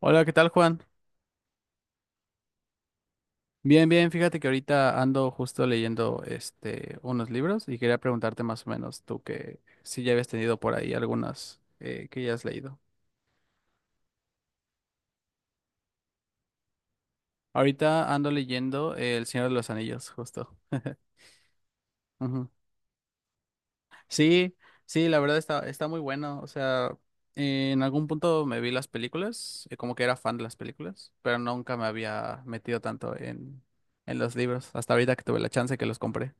Hola, ¿qué tal, Juan? Bien, bien, fíjate que ahorita ando justo leyendo unos libros y quería preguntarte más o menos tú que si ya habías tenido por ahí algunas que ya has leído. Ahorita ando leyendo El Señor de los Anillos, justo. Ujú. Sí, sí, la verdad está muy bueno. O sea, en algún punto me vi las películas, como que era fan de las películas, pero nunca me había metido tanto en los libros, hasta ahorita que tuve la chance que los compré.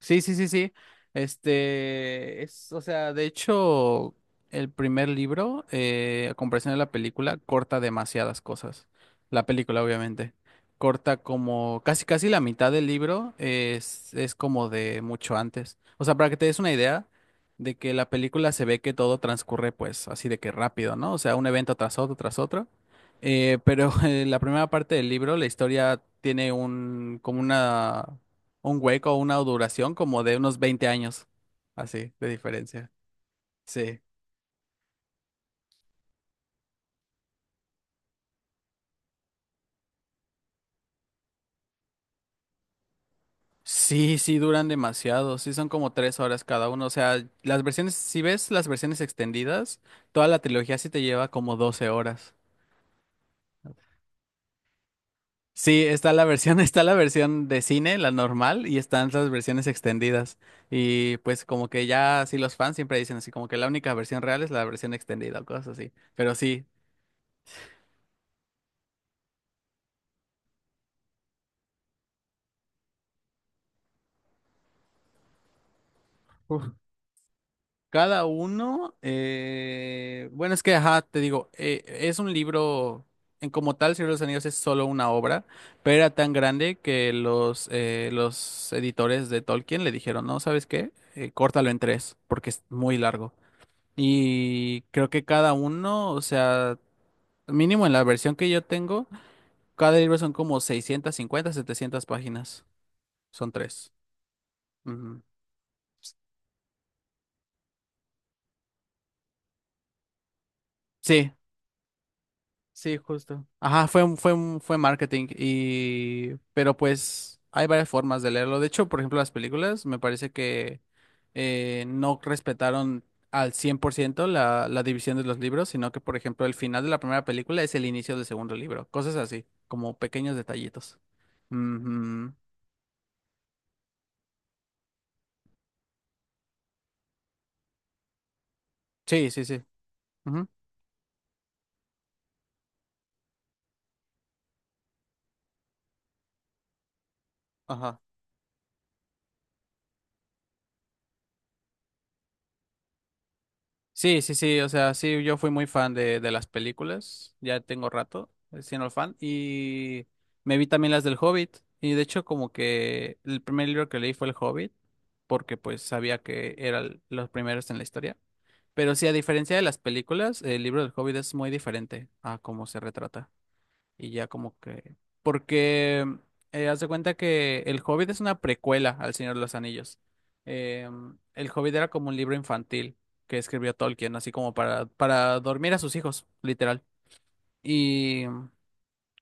Sí, sí, sí, sí. Este es, o sea, de hecho, el primer libro, a comparación de la película, corta demasiadas cosas. La película, obviamente. Corta como casi casi la mitad del libro es como de mucho antes. O sea, para que te des una idea de que la película se ve que todo transcurre pues así de que rápido, ¿no? O sea, un evento tras otro, tras otro. Pero en la primera parte del libro, la historia tiene como una un hueco, una duración como de unos 20 años, así, de diferencia. Sí. Sí, sí, duran demasiado, sí son como 3 horas cada uno, o sea, las versiones, si ves las versiones extendidas, toda la trilogía sí te lleva como 12 horas. Sí, está la versión, está la versión de cine, la normal, y están las versiones extendidas. Y pues como que ya, sí, los fans siempre dicen así, como que la única versión real es la versión extendida o cosas así. Pero sí, uf, cada uno, bueno, es que, ajá, te digo, es un libro, en como tal, Señor de los Anillos es solo una obra, pero era tan grande que los editores de Tolkien le dijeron, no, ¿sabes qué? Córtalo en tres, porque es muy largo. Y creo que cada uno, o sea, mínimo en la versión que yo tengo, cada libro son como 650 700 páginas, son tres. Ujú. Sí, sí, justo. Ajá, fue marketing y... Pero pues hay varias formas de leerlo. De hecho, por ejemplo, las películas me parece que no respetaron al 100% la división de los libros, sino que, por ejemplo, el final de la primera película es el inicio del segundo libro. Cosas así, como pequeños detallitos. Ujú. Sí, sí, sí. Ujú. Ajá. Sí, sí, sí, o sea, sí, yo fui muy fan de las películas, ya tengo rato siendo fan, y me vi también las del Hobbit, y de hecho como que el primer libro que leí fue El Hobbit, porque pues sabía que eran los primeros en la historia, pero sí, a diferencia de las películas, el libro del Hobbit es muy diferente a cómo se retrata. Y ya como que... Porque haz de cuenta que El Hobbit es una precuela al Señor de los Anillos. Eh, El Hobbit era como un libro infantil que escribió Tolkien, así como para dormir a sus hijos, literal. Y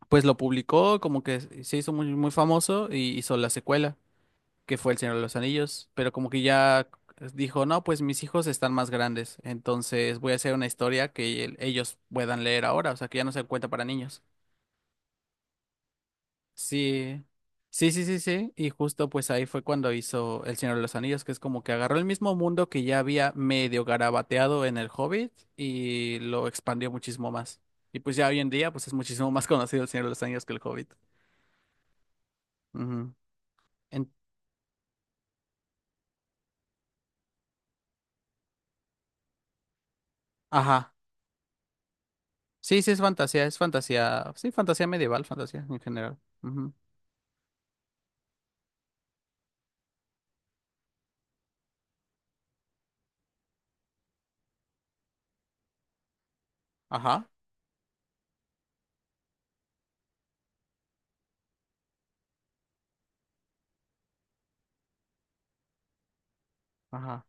pues lo publicó, como que se hizo muy, muy famoso y hizo la secuela, que fue El Señor de los Anillos. Pero como que ya dijo, no, pues mis hijos están más grandes, entonces voy a hacer una historia que ellos puedan leer ahora, o sea, que ya no se cuenta para niños. Sí, sí, sí, sí, sí. Y justo pues ahí fue cuando hizo El Señor de los Anillos, que es como que agarró el mismo mundo que ya había medio garabateado en El Hobbit y lo expandió muchísimo más. Y pues ya hoy en día pues es muchísimo más conocido El Señor de los Anillos que El Hobbit. Ujú. En- Ajá. Sí, sí, es fantasía, es fantasía. Sí, fantasía medieval, fantasía en general. Ujú. Ajá, ajá.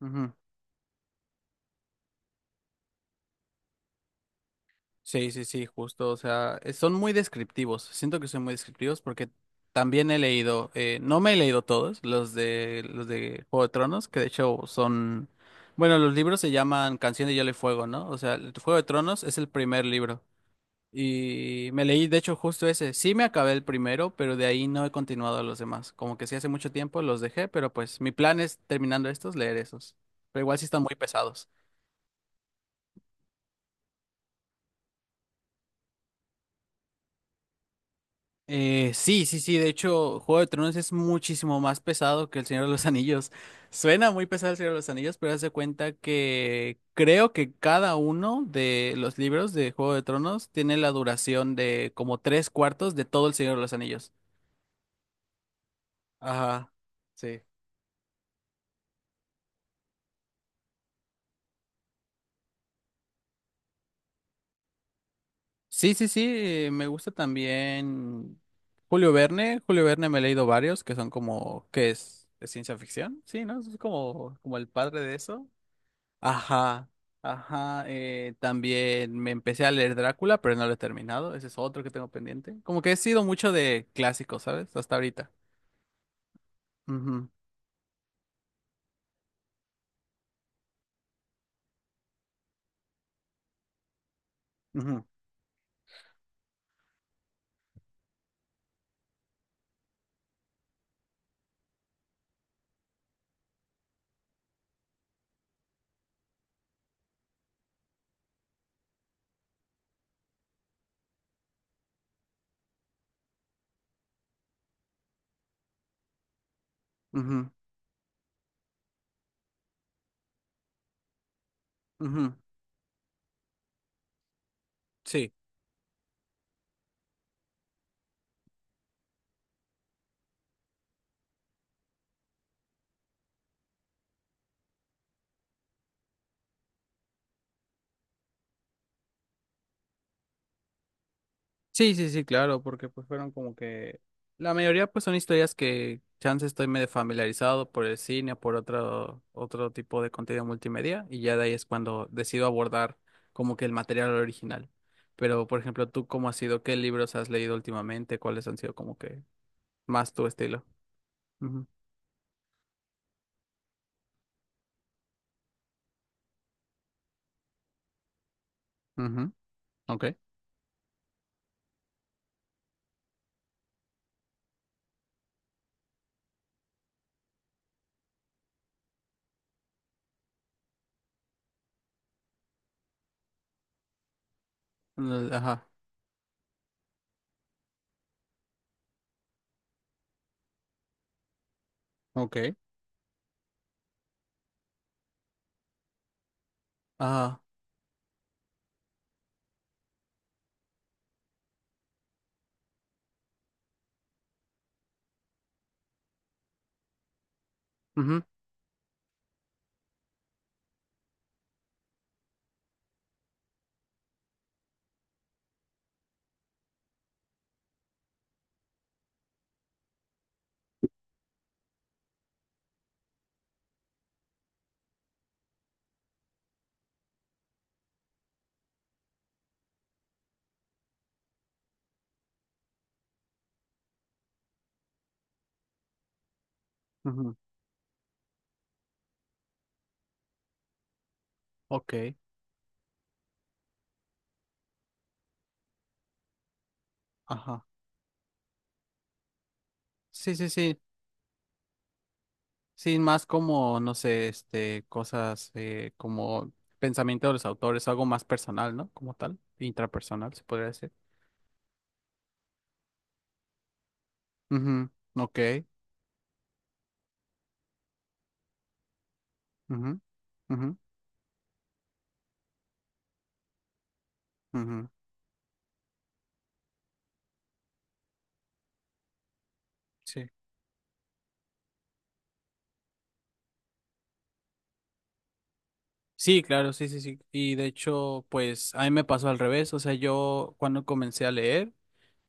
Ujú. Sí, sí, sí, justo. O sea, son muy descriptivos. Siento que son muy descriptivos porque también he leído, no me he leído todos, los de Juego de Tronos, que de hecho son, bueno, los libros se llaman Canción de Hielo y Fuego, ¿no? O sea, el Juego de Tronos es el primer libro. Y me leí, de hecho, justo ese. Sí me acabé el primero, pero de ahí no he continuado los demás. Como que sí hace mucho tiempo los dejé, pero pues mi plan es terminando estos, leer esos. Pero igual sí están muy pesados. Sí, sí, sí. De hecho, Juego de Tronos es muchísimo más pesado que El Señor de los Anillos. Suena muy pesado El Señor de los Anillos, pero haz de cuenta que creo que cada uno de los libros de Juego de Tronos tiene la duración de como tres cuartos de todo El Señor de los Anillos. Ajá. Sí. Sí, sí, sí. Me gusta también Julio Verne. Julio Verne me he leído varios que son como, ¿qué es? ¿Es ciencia ficción? Sí, ¿no? Es como el padre de eso. Ajá, ajá. También me empecé a leer Drácula, pero no lo he terminado. Ese es otro que tengo pendiente. Como que he sido mucho de clásicos, ¿sabes? Hasta ahorita. Ujú, ujú, ujú, ujú. Sí. Sí, sí, sí, claro, porque pues fueron como que... La mayoría pues son historias que chance estoy medio familiarizado por el cine o por otro tipo de contenido multimedia y ya de ahí es cuando decido abordar como que el material original. Pero, por ejemplo, ¿tú cómo has sido? ¿Qué libros has leído últimamente? ¿Cuáles han sido como que más tu estilo? Ujú, ujú, ok, mm, ajá, ok, ajá, ujú, ujú, ok, ajá. Sí, sí, sí, sí, más como, no sé, cosas como pensamiento de los autores, algo más personal, ¿no? Como tal, intrapersonal, se podría decir. Ujú, ok, ujú, ujú, ujú, sí. Sí, claro, sí, sí, sí. Y de hecho, pues a mí me pasó al revés. O sea, yo cuando comencé a leer,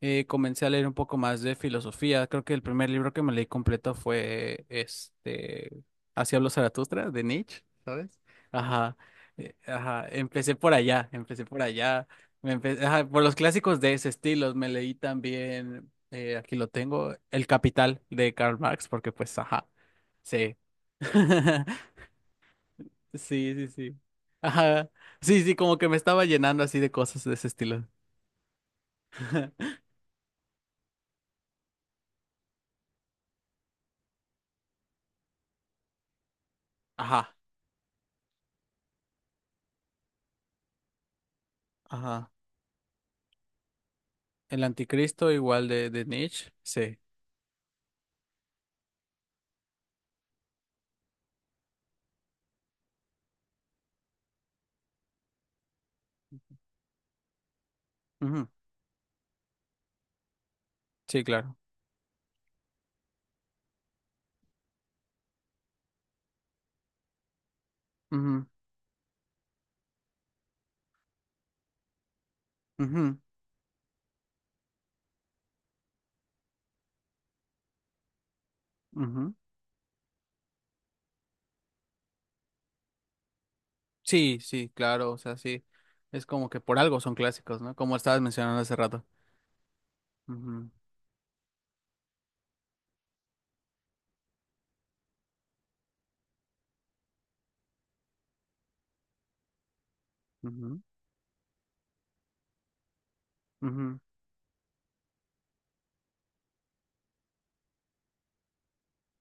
eh, comencé a leer un poco más de filosofía. Creo que el primer libro que me leí completo fue Así habló Zaratustra de Nietzsche, ¿sabes? Ajá, ajá, empecé por allá, ajá, por los clásicos de ese estilo. Me leí también, aquí lo tengo, El Capital de Karl Marx, porque pues, ajá, sí. Sí, sí, sí. Ajá. Sí, sí, como que me estaba llenando así de cosas de ese estilo. Ajá, ajá. El Anticristo igual de Nietzsche, sí. Ujú, sí, claro. Ujú, ujú, ujú. Sí, sí, claro, o sea, sí. Es como que por algo son clásicos, ¿no? Como estabas mencionando hace rato. Ujú, ujú, ujú.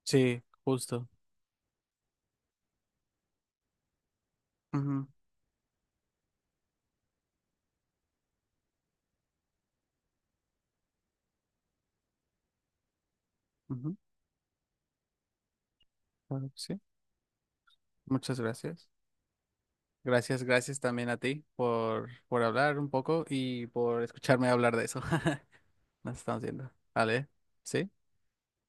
Sí, justo. Ujú, ujú, claro que sí. Muchas gracias. Gracias, gracias también a ti por hablar un poco y por escucharme hablar de eso. Nos estamos viendo. ¿Vale? ¿Sí?